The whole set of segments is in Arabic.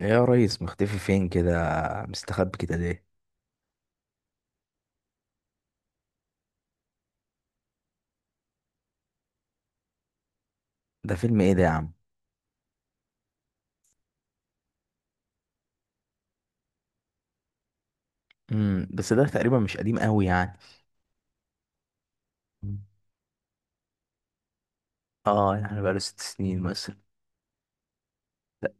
إيه يا ريس، مختفي فين كده؟ مستخبي كده ليه؟ ده فيلم ايه ده يا عم؟ بس ده تقريبا مش قديم قوي يعني. مم. اه، يعني بقاله 6 سنين مثلا. لا،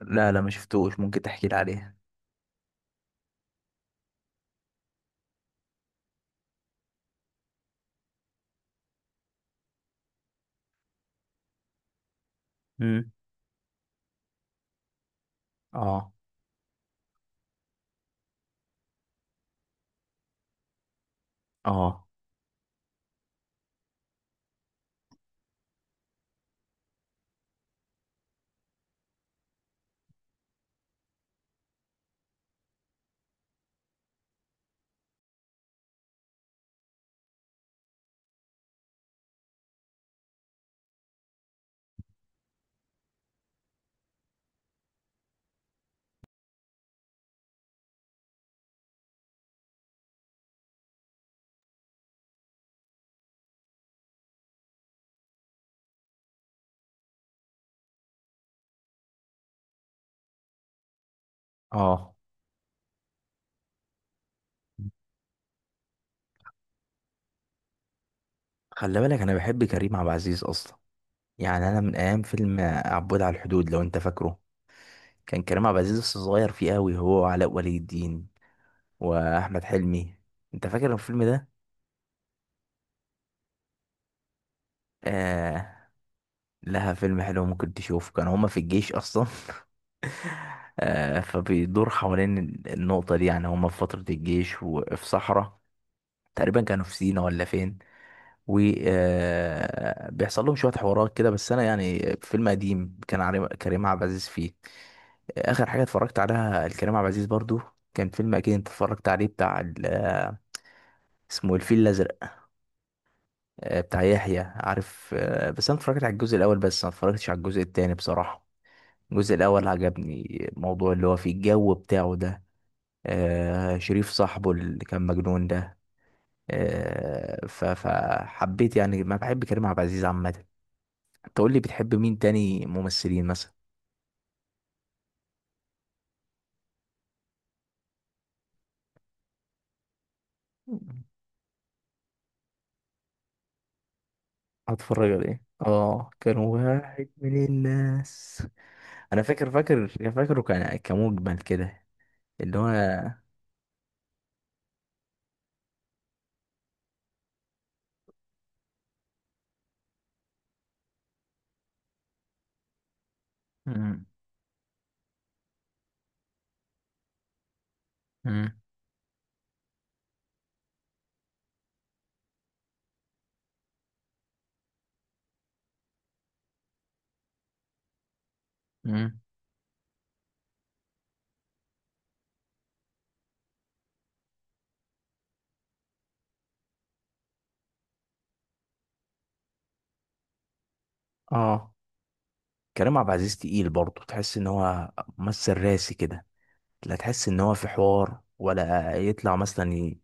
لا، لا، ما شفتوش. ممكن تحكي لي عليه؟ مم. اه. اه. اه. خلي بالك، انا بحب كريم عبد العزيز اصلا. يعني انا من ايام فيلم عبود على الحدود، لو انت فاكره. كان كريم عبد العزيز لسه صغير فيه قوي، هو وعلاء ولي الدين واحمد حلمي. انت فاكر الفيلم ده؟ آه. لها فيلم حلو ممكن تشوف، كان هما في الجيش اصلا. فبيدور حوالين النقطة دي. يعني هما في فترة الجيش، وفي صحراء تقريبا كانوا في سينا ولا فين. وبيحصل لهم شوية حوارات كده. بس أنا يعني فيلم قديم كان كريم عبد العزيز فيه. آخر حاجة اتفرجت عليها الكريم عبد العزيز برضو كان فيلم أكيد أنت اتفرجت عليه، بتاع اسمه إيه، الفيل الأزرق. بتاع يحيى عارف. بس أنا اتفرجت على الجزء الأول بس، ما اتفرجتش على الجزء التاني بصراحة. الجزء الأول عجبني، الموضوع اللي هو فيه الجو بتاعه ده. شريف صاحبه اللي كان مجنون ده. فحبيت يعني، ما بحب كريم عبد العزيز عامة. تقول لي بتحب مين تاني ممثلين مثلا؟ هتفرج على ايه؟ اه، كان واحد من الناس. أنا فاكر فاكره، كان كمجمل كده، اللي هو. مم. مم. مم. اه، كريم عبد العزيز تقيل برضه، تحس إن هو ممثل راسي كده. لا تحس ان هو في حوار، ولا يطلع مثلا ي...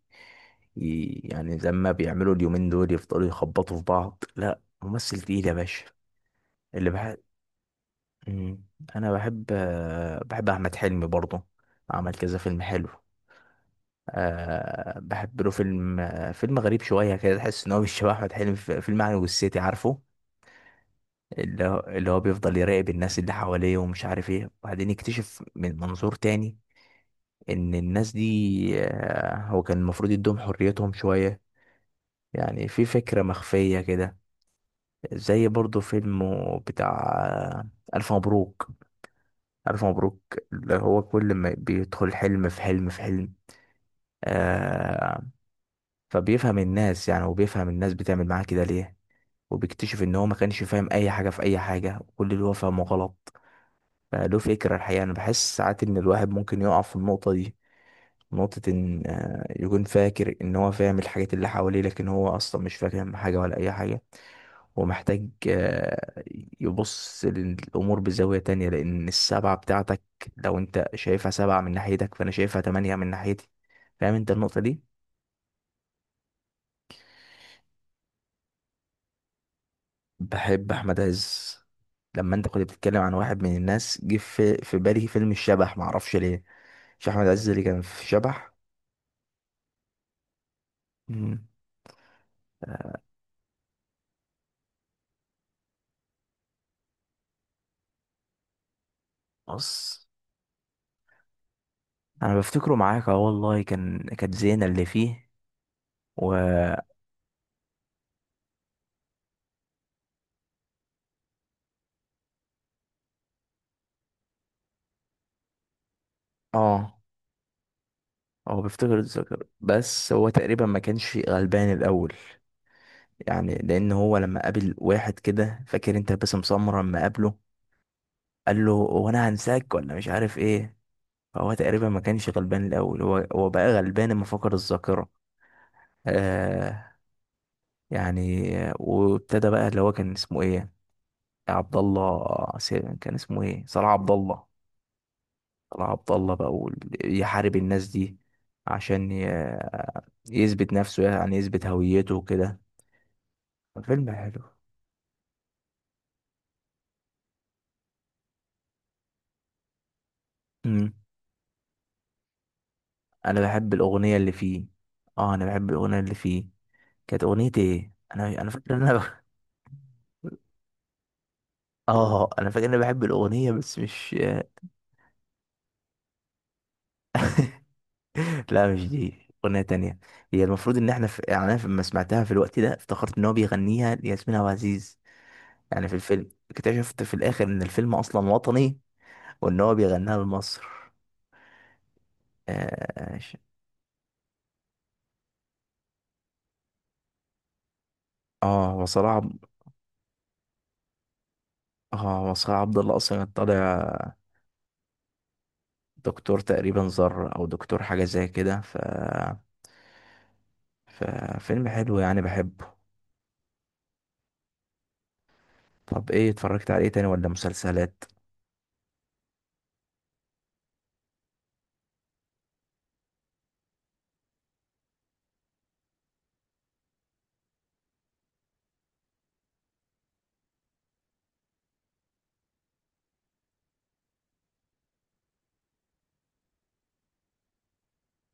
ي... يعني زي ما بيعملوا اليومين دول يفضلوا يخبطوا في بعض. لا، ممثل تقيل يا باشا. اللي بحب. مم. انا بحب، بحب احمد حلمي برضه. عمل كذا فيلم حلو. أه، بحب له فيلم، فيلم غريب شويه كده، تحس ان هو مش شبه احمد حلمي، في فيلم عن والسيتي عارفه. اللي هو بيفضل يراقب الناس اللي حواليه، ومش عارف ايه، وبعدين يكتشف من منظور تاني ان الناس دي، هو كان المفروض يدوم حريتهم شوية. يعني في فكرة مخفية كده. زي برضو فيلم بتاع، ألف مبروك. ألف مبروك، اللي هو كل ما بيدخل حلم في حلم في حلم. آه فبيفهم الناس يعني، وبيفهم الناس بتعمل معاه كده ليه. وبيكتشف ان هو ما كانش فاهم اي حاجة في اي حاجة، وكل اللي هو فاهمه غلط. فله فكرة الحقيقة، انا بحس ساعات ان الواحد ممكن يقع في النقطة دي، نقطة إن يكون فاكر إن هو فاهم الحاجات اللي حواليه، لكن هو أصلا مش فاهم حاجة ولا أي حاجة. هو محتاج يبص للأمور بزاوية تانية. لأن السبعة بتاعتك، لو أنت شايفها سبعة من ناحيتك، فأنا شايفها تمانية من ناحيتي. فاهم أنت النقطة دي؟ بحب أحمد عز. لما أنت كنت بتتكلم عن واحد من الناس، جه في بالي فيلم الشبح، معرفش ليه. مش أحمد عز اللي كان في شبح؟ مم. بص، انا بفتكره معاك، اه والله، كانت زينة اللي فيه. و اه هو بيفتكر الذكر، بس هو تقريبا ما كانش غلبان الاول. يعني لان هو لما قابل واحد كده، فاكر انت باسم سمرة، لما قابله قال له هو انا هنساك ولا مش عارف ايه. فهو تقريبا ما كانش غلبان الاول، هو بقى غلبان لما فقد الذاكره. آه. يعني، وابتدى بقى اللي هو كان اسمه ايه، عبد الله، كان اسمه ايه، صلاح عبد الله. صلاح عبد الله بقى يحارب الناس دي، عشان يثبت نفسه، يعني يثبت هويته وكده. الفيلم حلو. امم انا بحب الاغنيه اللي فيه. اه، انا بحب الاغنيه اللي فيه. كانت اغنيه ايه؟ انا فاكر ان انا. اه، انا فاكر ان انا بحب الاغنيه، بس مش. لا، مش دي، اغنيه تانية. هي المفروض ان احنا يعني انا لما سمعتها في الوقت ده افتكرت ان هو بيغنيها لياسمين عبد العزيز. يعني في الفيلم اكتشفت في الاخر ان الفيلم اصلا وطني، وان هو بيغنيها لمصر. اه ش- اه وصلاح عب- اه، وصلاح عبد الله اصلا كان طالع دكتور تقريبا، زر او دكتور حاجه زي كده. ففيلم حلو يعني، بحبه. طب، ايه اتفرجت عليه تاني ولا مسلسلات؟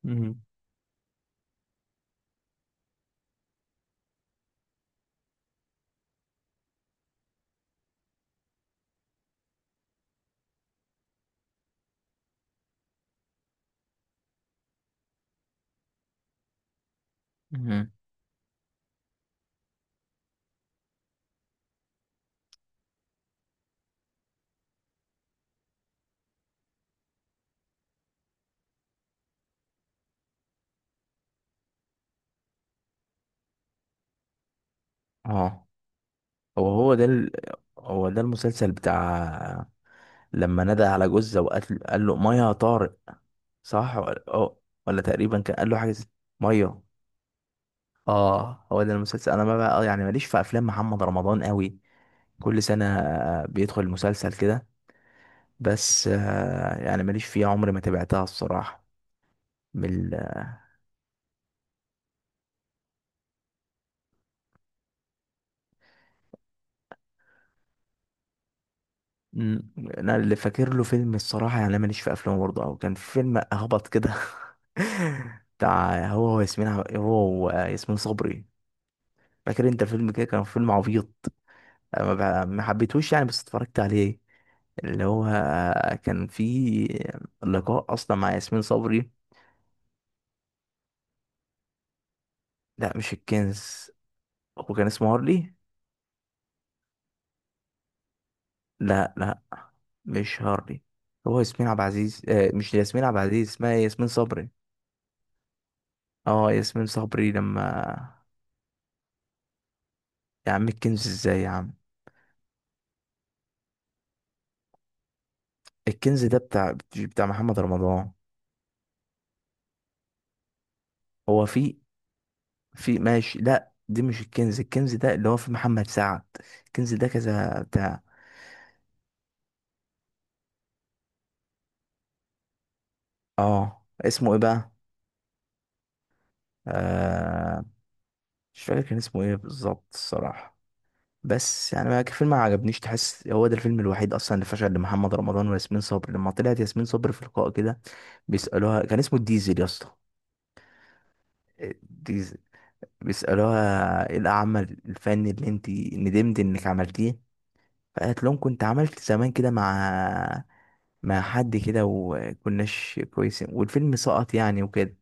مم. مهم. اه، هو هو ده ال... هو ده المسلسل بتاع، لما نادى على جوزة وقال، قال له ميه يا طارق، صح ولا اه؟ ولا تقريبا كان قال له حاجه ميه. اه، هو ده المسلسل. انا ما بقى يعني ماليش في افلام محمد رمضان قوي، كل سنه بيدخل مسلسل كده. بس، يعني ماليش فيه، عمري ما تابعتها الصراحه، من ال... مم. انا اللي فاكر له فيلم الصراحه، يعني أنا ماليش في افلام برضه، او كان في فيلم هبط كده بتاع، هو ياسمين صبري. فاكر انت فيلم كده؟ كان فيلم عبيط، أنا ما حبيتهوش يعني، بس اتفرجت عليه، اللي هو كان في لقاء اصلا مع ياسمين صبري. لا، مش الكنز، هو كان اسمه هارلي. لا، لا، مش هارلي. هو ياسمين عبد العزيز، مش ياسمين عبد العزيز، اسمها ياسمين صبري. اه، ياسمين صبري لما. يا عم الكنز ازاي يا عم؟ الكنز ده بتاع محمد رمضان. هو في ماشي. لا، دي مش الكنز، الكنز ده اللي هو في محمد سعد. الكنز ده كذا بتاع، اه اسمه ايه بقى؟ آه مش فاكر كان اسمه ايه بالظبط الصراحة. بس يعني، ما الفيلم ما عجبنيش، تحس هو ده الفيلم الوحيد اصلا اللي فشل لمحمد رمضان وياسمين صبري. لما طلعت ياسمين صبري في لقاء كده، بيسألوها، كان اسمه الديزل يا اسطى، الديزل. بيسألوها ايه العمل الفني اللي انت ندمت انك عملتيه، فقالت لهم كنت عملت زمان كده مع حد كده، وكناش كويسين والفيلم سقط يعني وكده.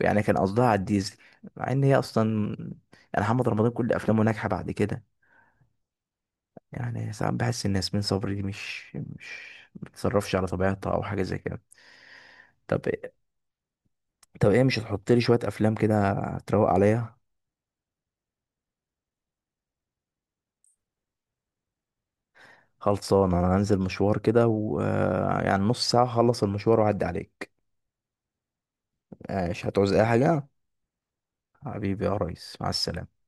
يعني كان قصدها على الديزل، مع ان هي اصلا يعني محمد رمضان كل افلامه ناجحه بعد كده. يعني ساعات بحس ان ياسمين صبري دي مش بتتصرفش على طبيعتها او حاجه زي كده. طب طب ايه، مش هتحط لي شويه افلام كده تروق عليا؟ خلصان، انا هنزل مشوار كده، ويعني نص ساعه هخلص المشوار واعدي عليك. آه، مش هتعوز اي حاجه؟ حبيبي يا ريس، مع السلامة.